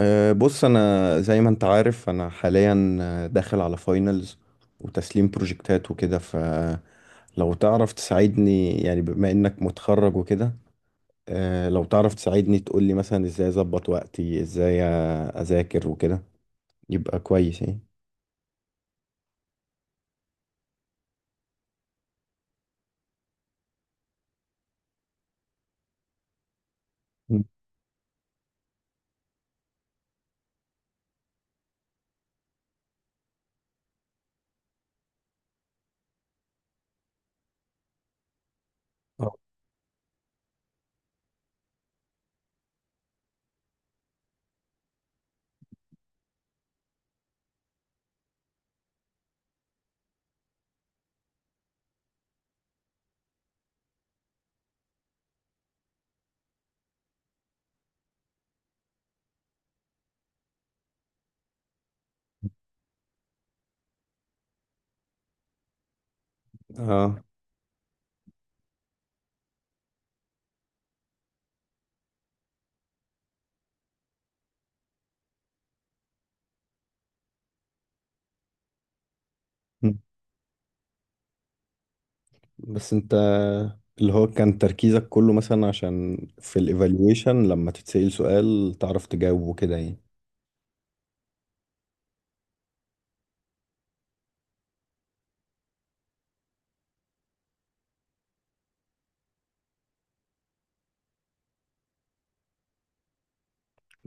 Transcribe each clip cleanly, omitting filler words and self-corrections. بص، انا زي ما انت عارف انا حاليا داخل على فاينلز وتسليم بروجكتات وكده. فلو تعرف تساعدني، يعني بما انك متخرج وكده، لو تعرف تساعدني تقولي مثلا ازاي اظبط وقتي، ازاي اذاكر وكده، يبقى كويس يعني. مم. آه. اه. مم. بس انت، اللي هو كان تركيزك كله مثلا عشان في الايفالويشن لما تتسأل سؤال تعرف تجاوبه كده يعني.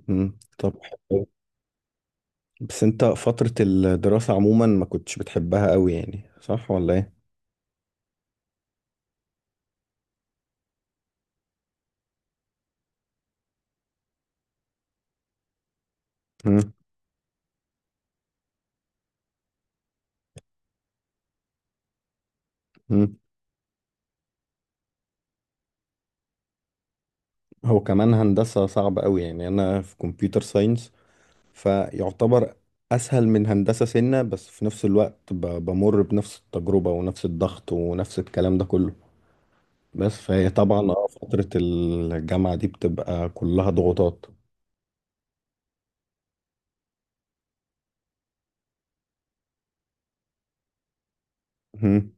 مم. طب. بس انت فترة الدراسة عموما ما كنتش بتحبها قوي، يعني صح ولا ايه؟ مم. مم. هو كمان هندسة صعبة قوي، يعني انا في كمبيوتر ساينس فيعتبر اسهل من هندسة سنة، بس في نفس الوقت بمر بنفس التجربة ونفس الضغط ونفس الكلام ده كله، بس فهي طبعا فترة الجامعة دي بتبقى كلها ضغوطات. مم.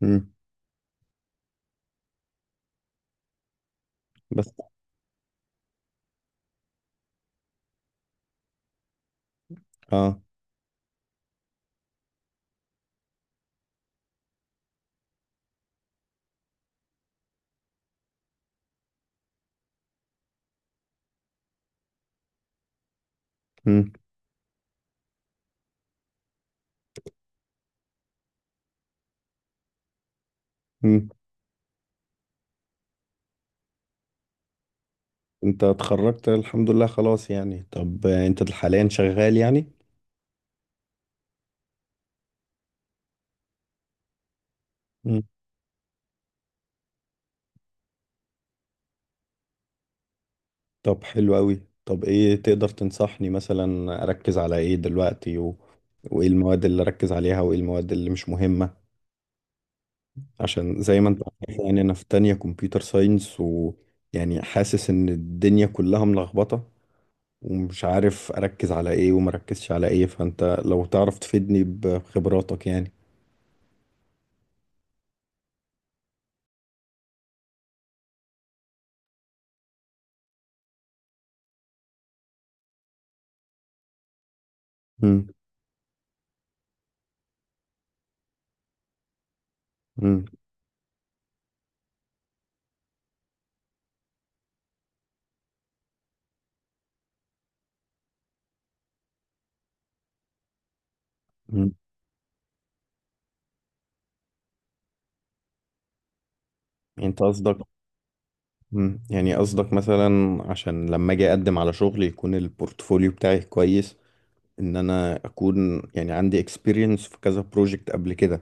مم. بس. اه. مم. مم. انت اتخرجت الحمد لله خلاص يعني. طب انت حاليا شغال يعني؟ طب حلو قوي. طب ايه تقدر تنصحني مثلا اركز على ايه دلوقتي وايه المواد اللي اركز عليها وايه المواد اللي مش مهمة، عشان زي ما انت عارف، يعني انا في تانية كمبيوتر ساينس، ويعني حاسس ان الدنيا كلها ملخبطة، ومش عارف اركز على ايه ومركزش على ايه، فانت لو تعرف تفيدني بخبراتك يعني. مم. مم. مم. انت قصدك؟ مم. يعني قصدك مثلا عشان لما اجي اقدم على شغل يكون البورتفوليو بتاعي كويس، ان انا اكون يعني عندي اكسبيرينس في كذا بروجكت قبل كده.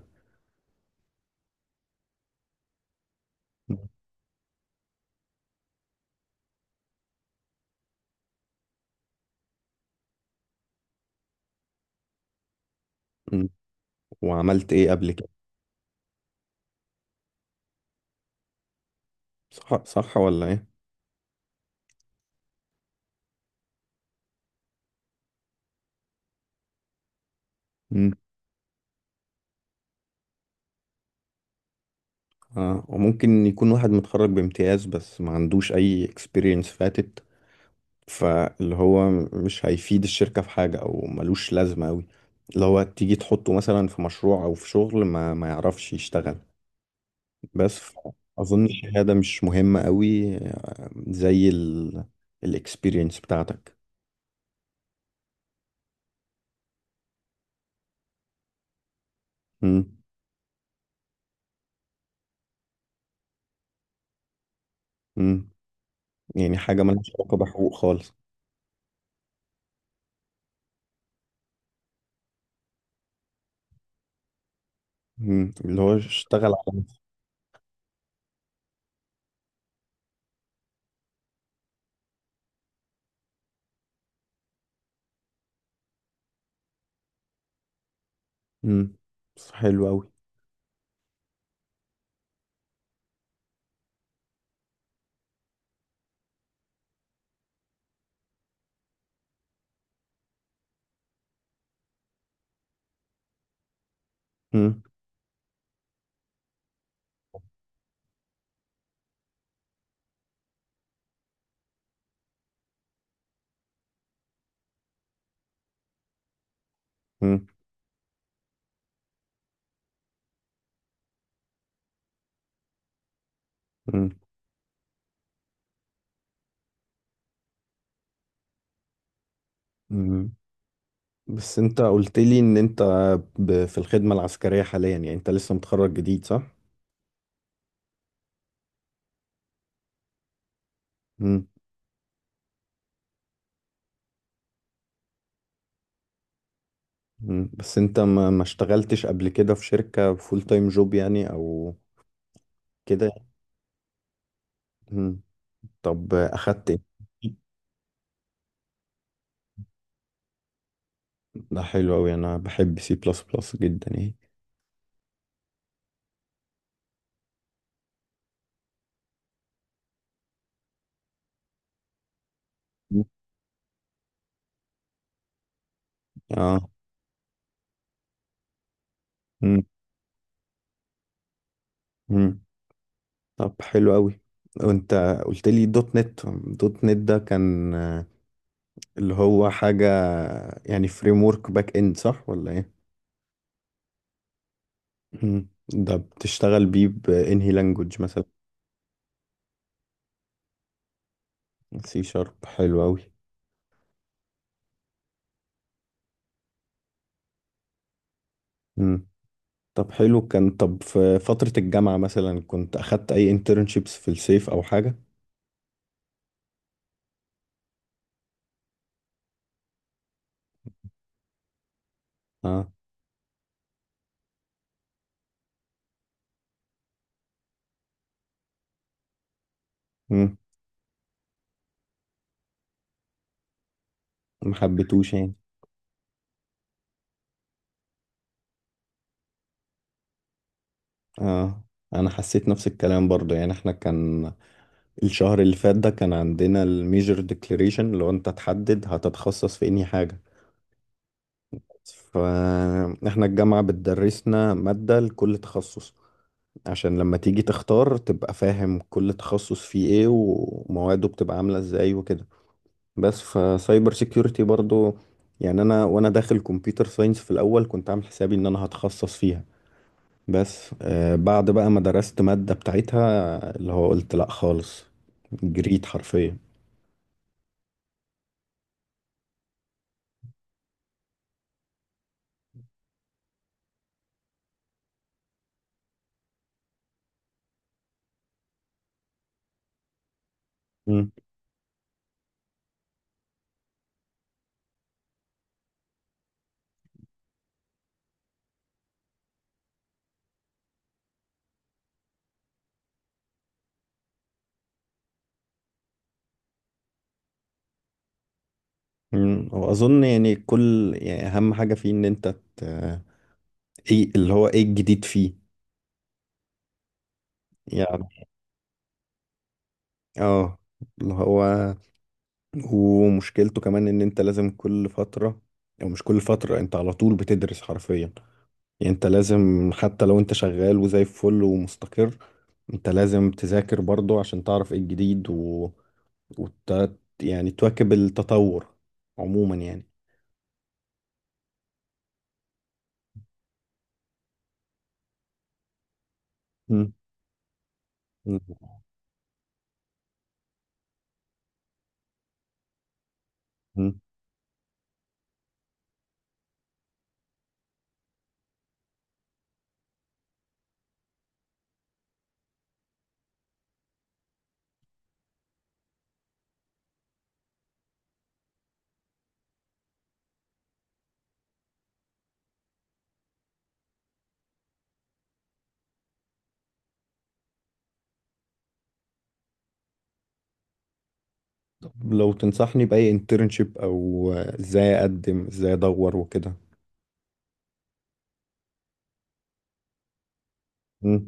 مم. وعملت ايه قبل كده؟ صح صح ولا ايه؟ مم. آه. وممكن يكون واحد متخرج بامتياز بس ما عندوش اي اكسبيرينس فاتت، فاللي هو مش هيفيد الشركة في حاجة او ملوش لازمة اوي، اللي هو تيجي تحطه مثلا في مشروع او في شغل ما يعرفش يشتغل، بس اظن الشهادة مش مهمة اوي، زي الاكسبيرينس بتاعتك. مم. مم. يعني حاجة ملهاش علاقة بحقوق خالص. مم. اللي هو اشتغل على نفسه. مم. بس حلو أوي. مم. مم. مم. مم. بس انت قلت لي ان انت في الخدمة العسكرية حاليا، يعني انت لسه متخرج جديد صح؟ مم. مم. بس انت ما اشتغلتش قبل كده في شركة فول تايم جوب يعني او كده يعني؟ مم. طب اخدت ايه؟ ده حلو أوي، انا بحب سي بلس بلس جدا يعني. مم. اه. مم. مم. طب حلو قوي. وانت قلت لي دوت نت. دوت نت ده كان اللي هو حاجة يعني فريم ورك باك اند، صح ولا ايه؟ مم. ده بتشتغل بيه بانهي لانجوج مثلا؟ سي شارب حلو قوي. مم. طب حلو كان. طب في فترة الجامعة مثلا كنت اخدت اي انترنشيبس في الصيف او حاجة؟ اه. مم. ما حبيتوش يعني. اه. انا حسيت نفس الكلام برضه، يعني احنا كان الشهر اللي فات ده كان عندنا الميجر ديكليريشن، لو انت تحدد هتتخصص في انهي حاجة، فاحنا الجامعة بتدرسنا مادة لكل تخصص عشان لما تيجي تختار تبقى فاهم كل تخصص فيه ايه ومواده بتبقى عاملة ازاي وكده، بس فسايبر سيكيورتي برضو، يعني انا وانا داخل كمبيوتر ساينس في الاول كنت عامل حسابي ان انا هتخصص فيها، بس بعد بقى ما درست مادة بتاعتها اللي هو قلت لا خالص، جريت حرفيا. مم. واظن يعني كل يعني اهم حاجه فيه ان انت ت... ايه اللي هو ايه الجديد فيه. يعني اه اللي هو، ومشكلته كمان ان انت لازم كل فتره، او مش كل فتره، انت على طول بتدرس حرفيا، يعني انت لازم حتى لو انت شغال وزي الفل ومستقر، انت لازم تذاكر برضه عشان تعرف ايه الجديد وت... يعني تواكب التطور عموما يعني. مم. مم. لو تنصحني بأي انترنشيب أو إزاي أقدم إزاي أدور وكده. مم.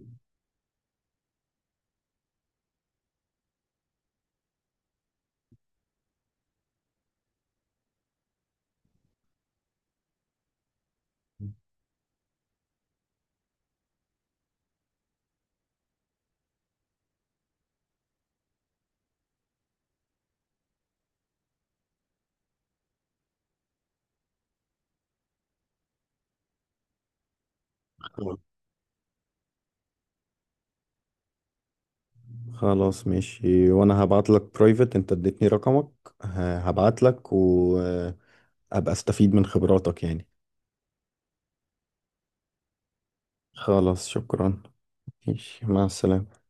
خلاص ماشي، وأنا هبعت لك برايفت، أنت اديتني رقمك، هبعت لك وأبقى أستفيد من خبراتك يعني. خلاص شكرا. ماشي مع السلامة.